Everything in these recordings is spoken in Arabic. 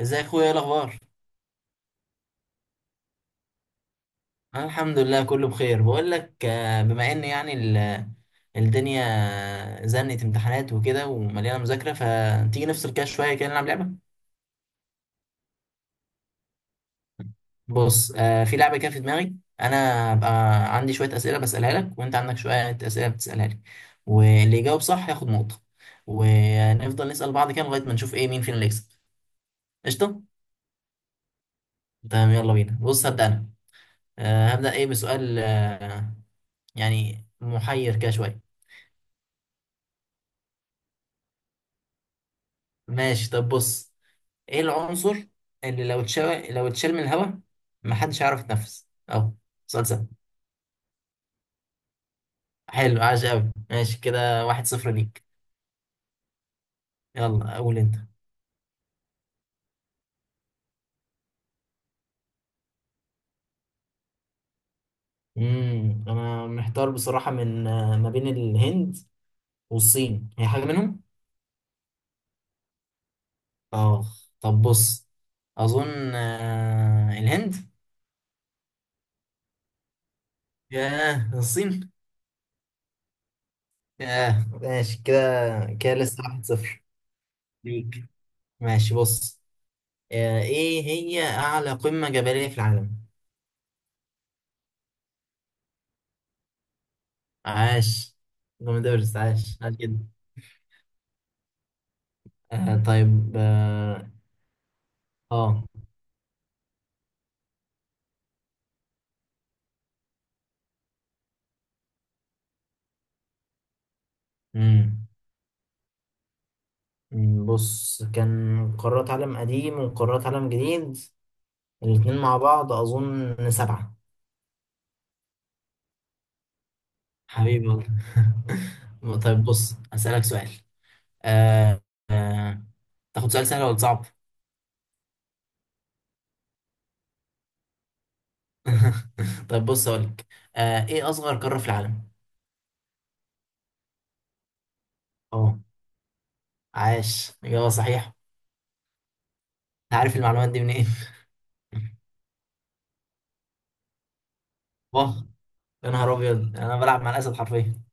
ازاي يا اخويا، ايه الاخبار؟ انا الحمد لله كله بخير. بقول لك بما ان يعني الدنيا زنت امتحانات وكده ومليانه مذاكره، فتيجي نفصل كده شويه، كده نلعب لعبه. بص، في لعبه كده في دماغي. انا هبقى عندي شويه اسئله بسالها لك، وانت عندك شويه اسئله بتسالها لي، واللي يجاوب صح ياخد نقطه. ونفضل نسال بعض كده لغايه ما نشوف ايه مين فينا اللي يكسب. قشطه. تمام يلا بينا، بص هبدا انا. هبدا ايه بسؤال يعني محير كده شويه. ماشي، طب بص. ايه العنصر اللي لو اتشال، من الهواء محدش هيعرف يتنفس اهو؟ سؤال سهل. حلو، عاش قوي. ماشي كده، واحد صفر ليك. يلا قول انت. انا محتار بصراحة، من ما بين الهند والصين، هي حاجة منهم. اه، طب بص، اظن الهند. ياه، الصين. ياه ماشي كده. كده لسه واحد صفر ليك. ماشي بص، ايه هي اعلى قمة جبلية في العالم؟ عاش، جامد أوي، بس عاش، عاش جدا. آه طيب اه آه. مم. بص، كان قارات عالم قديم وقارات عالم جديد، الاتنين مع بعض أظن سبعة. حبيبي والله. طيب بص هسألك سؤال. آه آه. تاخد سؤال سهل ولا صعب؟ طيب بص أقولك، إيه أصغر قارة في العالم؟ أه. عاش، إجابة صحيحة. أنت عارف المعلومات دي منين؟ واه، يا نهار أبيض، أنا بلعب مع الأسد حرفيا.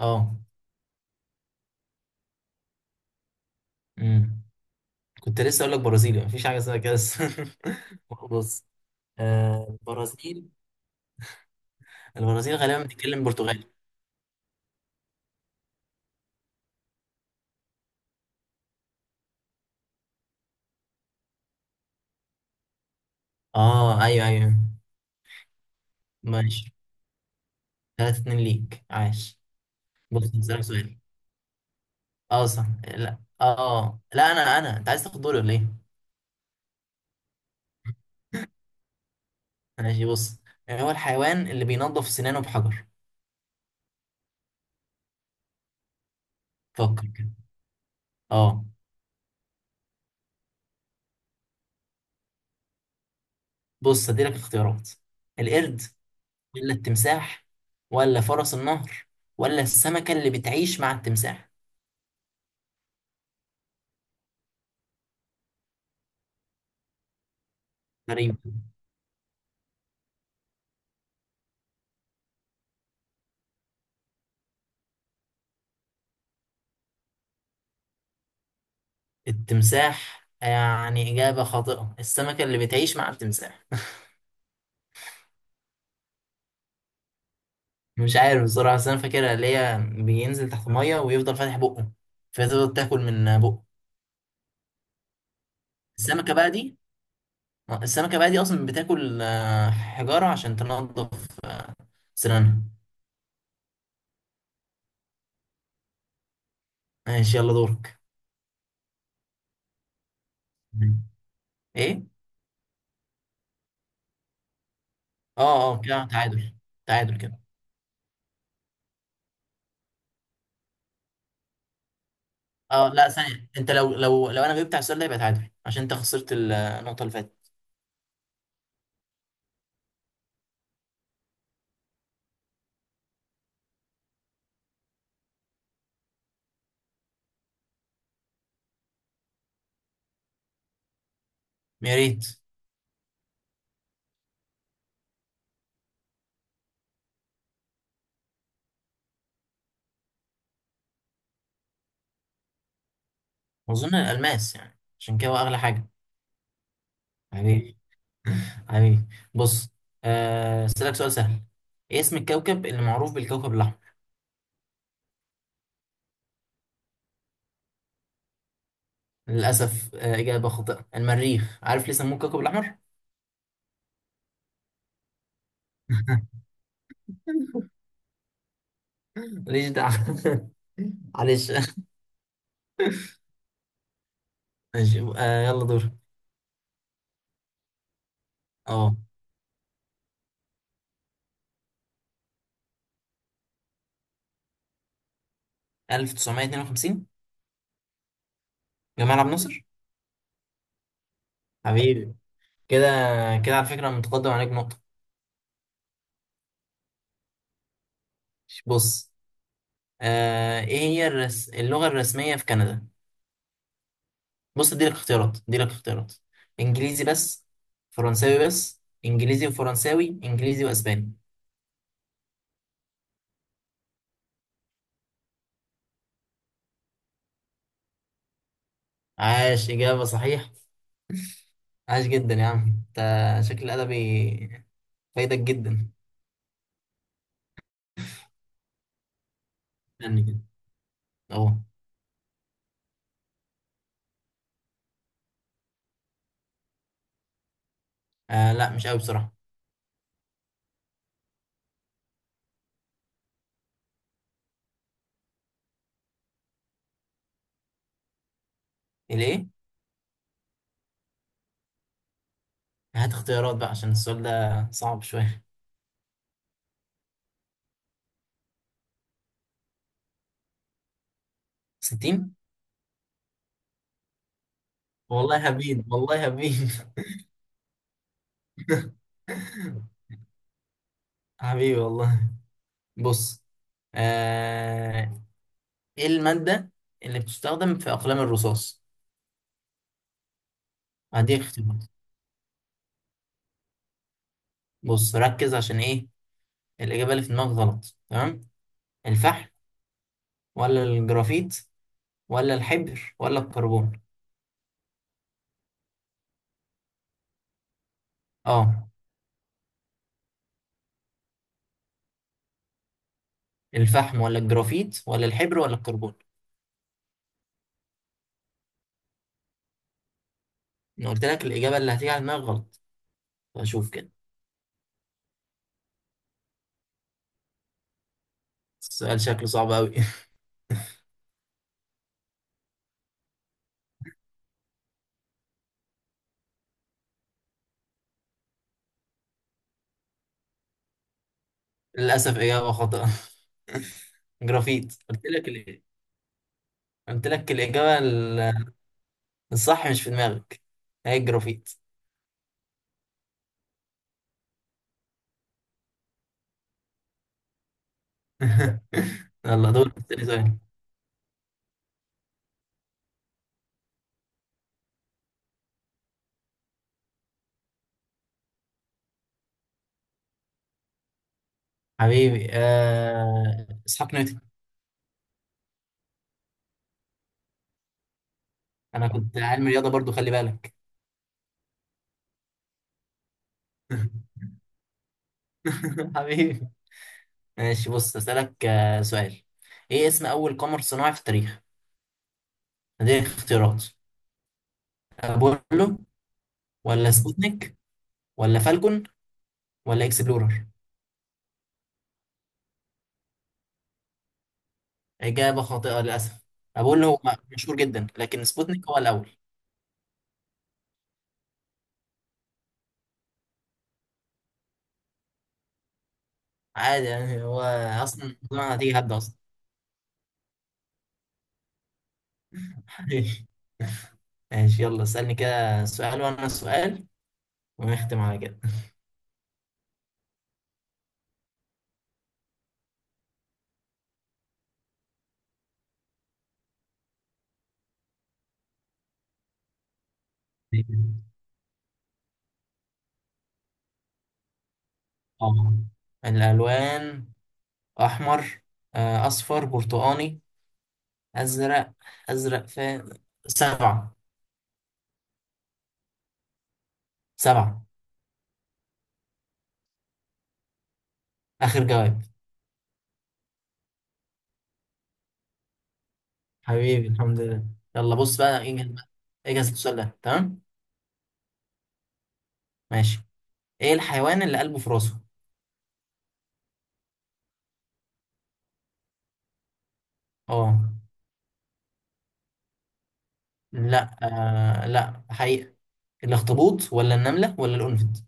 اه. امم كنت لسه اقول لك برازيلي، مفيش حاجه اسمها كده بس. بص، آه البرازيل البرازيل غالبا بتتكلم برتغالي. اه ايوه ايوه. ماشي، 3 2 ليك، عاش. بص هسألك سؤال. اه صح، لا اه لا، انا انا انت عايز تاخد دوري ولا ايه؟ ماشي بص، يعني هو الحيوان اللي بينظف سنانه بحجر؟ فكر كده. اه. بص هديلك اختيارات، القرد، ولا التمساح، ولا فرس النهر، ولا السمكة اللي بتعيش مع التمساح؟ غريب. التمساح يعني إجابة خاطئة، السمكة اللي بتعيش مع التمساح. مش عارف بصراحة، بس أنا فاكرها اللي هي بينزل تحت المية ويفضل فاتح بقه، فتفضل تاكل من بقه. السمكة بقى دي السمكة بقى دي أصلا بتاكل حجارة عشان تنضف سنانها. ماشي يلا دورك. إيه؟ أه أه كده تعادل، تعادل كده. أه لا ثانية، أنت لو أنا جبت على السؤال ده يبقى تعادل، عشان أنت خسرت النقطة اللي فاتت. يا ريت. أظن الألماس، يعني عشان كده هو أغلى حاجة. يعني، حبيبي. بص، أسألك سؤال سهل، إيه اسم الكوكب اللي معروف بالكوكب الأحمر؟ للأسف إجابة خاطئة، المريخ. عارف ليه سموه الكوكب الأحمر؟ ماليش دعوة. معلش. ماشي، يلا دور. اه، 1952. جمال عبد الناصر. حبيبي. كده، كده على فكرة أنا متقدم عليك نقطة. بص، إيه هي اللغة الرسمية في كندا؟ بص اديلك اختيارات، انجليزي بس، فرنساوي بس، انجليزي وفرنساوي، انجليزي واسباني. عاش، اجابه صحيح. عاش جدا يا عم، انت شكل ادبي فايدك جدا. استني كده، اهو. آه لا مش قوي بصراحه. الايه؟ هات اختيارات بقى عشان السؤال ده صعب شويه. 60. والله هبين، والله هبين. حبيبي والله. بص، آه، ايه المادة اللي بتستخدم في أقلام الرصاص؟ هديك اختيارات. بص ركز، عشان ايه الإجابة اللي في دماغك غلط. تمام، الفحم، ولا الجرافيت، ولا الحبر، ولا الكربون؟ اه، الفحم ولا الجرافيت ولا الحبر ولا الكربون، انا قلت لك الإجابة اللي هتيجي على دماغك غلط، فشوف كده. السؤال شكله صعب قوي. للأسف إجابة خاطئة. جرافيت، قلت لك الصح مش في دماغك، هي الجرافيت. يلا دور تاني سؤال. حبيبي، إسحاق نيوتن. انا كنت علم رياضه برضو، خلي بالك. حبيبي. ماشي بص، اسالك سؤال، ايه اسم اول قمر صناعي في التاريخ؟ هذه اختيارات، ابولو، ولا سبوتنيك، ولا فالكون، ولا اكسبلورر؟ اجابه خاطئه للاسف. ابولو هو مشهور جدا، لكن سبوتنيك هو الاول. عادي، يعني هو اصلا طلع، هتيجي هبدا اصلا. حبيبي. ماشي يلا اسالني كده سؤال، وانا سؤال، ونختم على كده. اه، الالوان، أحمر، أصفر، برتقاني، أزرق، أزرق فين، سبعة. سبعة. آخر جواب. حبيبي، الحمد لله. يلا بص بقى، اجهز بقى، اجهز السؤال ده تمام. ماشي، ايه الحيوان اللي قلبه في راسه؟ اه. لا، لا حقيقة. الاخطبوط، ولا النملة، ولا القنفذ؟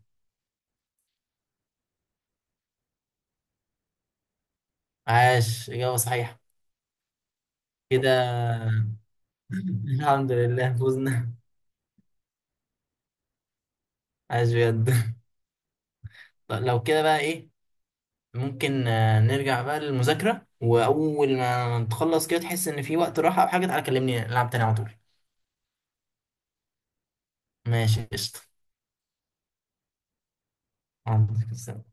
عاش، إجابة صحيحة. كده. الحمد لله فوزنا. عاش بجد. طب لو كده بقى ايه، ممكن نرجع بقى للمذاكرة، وأول ما نتخلص كده تحس إن في وقت راحة أو حاجة تعالى كلمني نلعب تاني على طول. ماشي قشطة. عندك السلامة.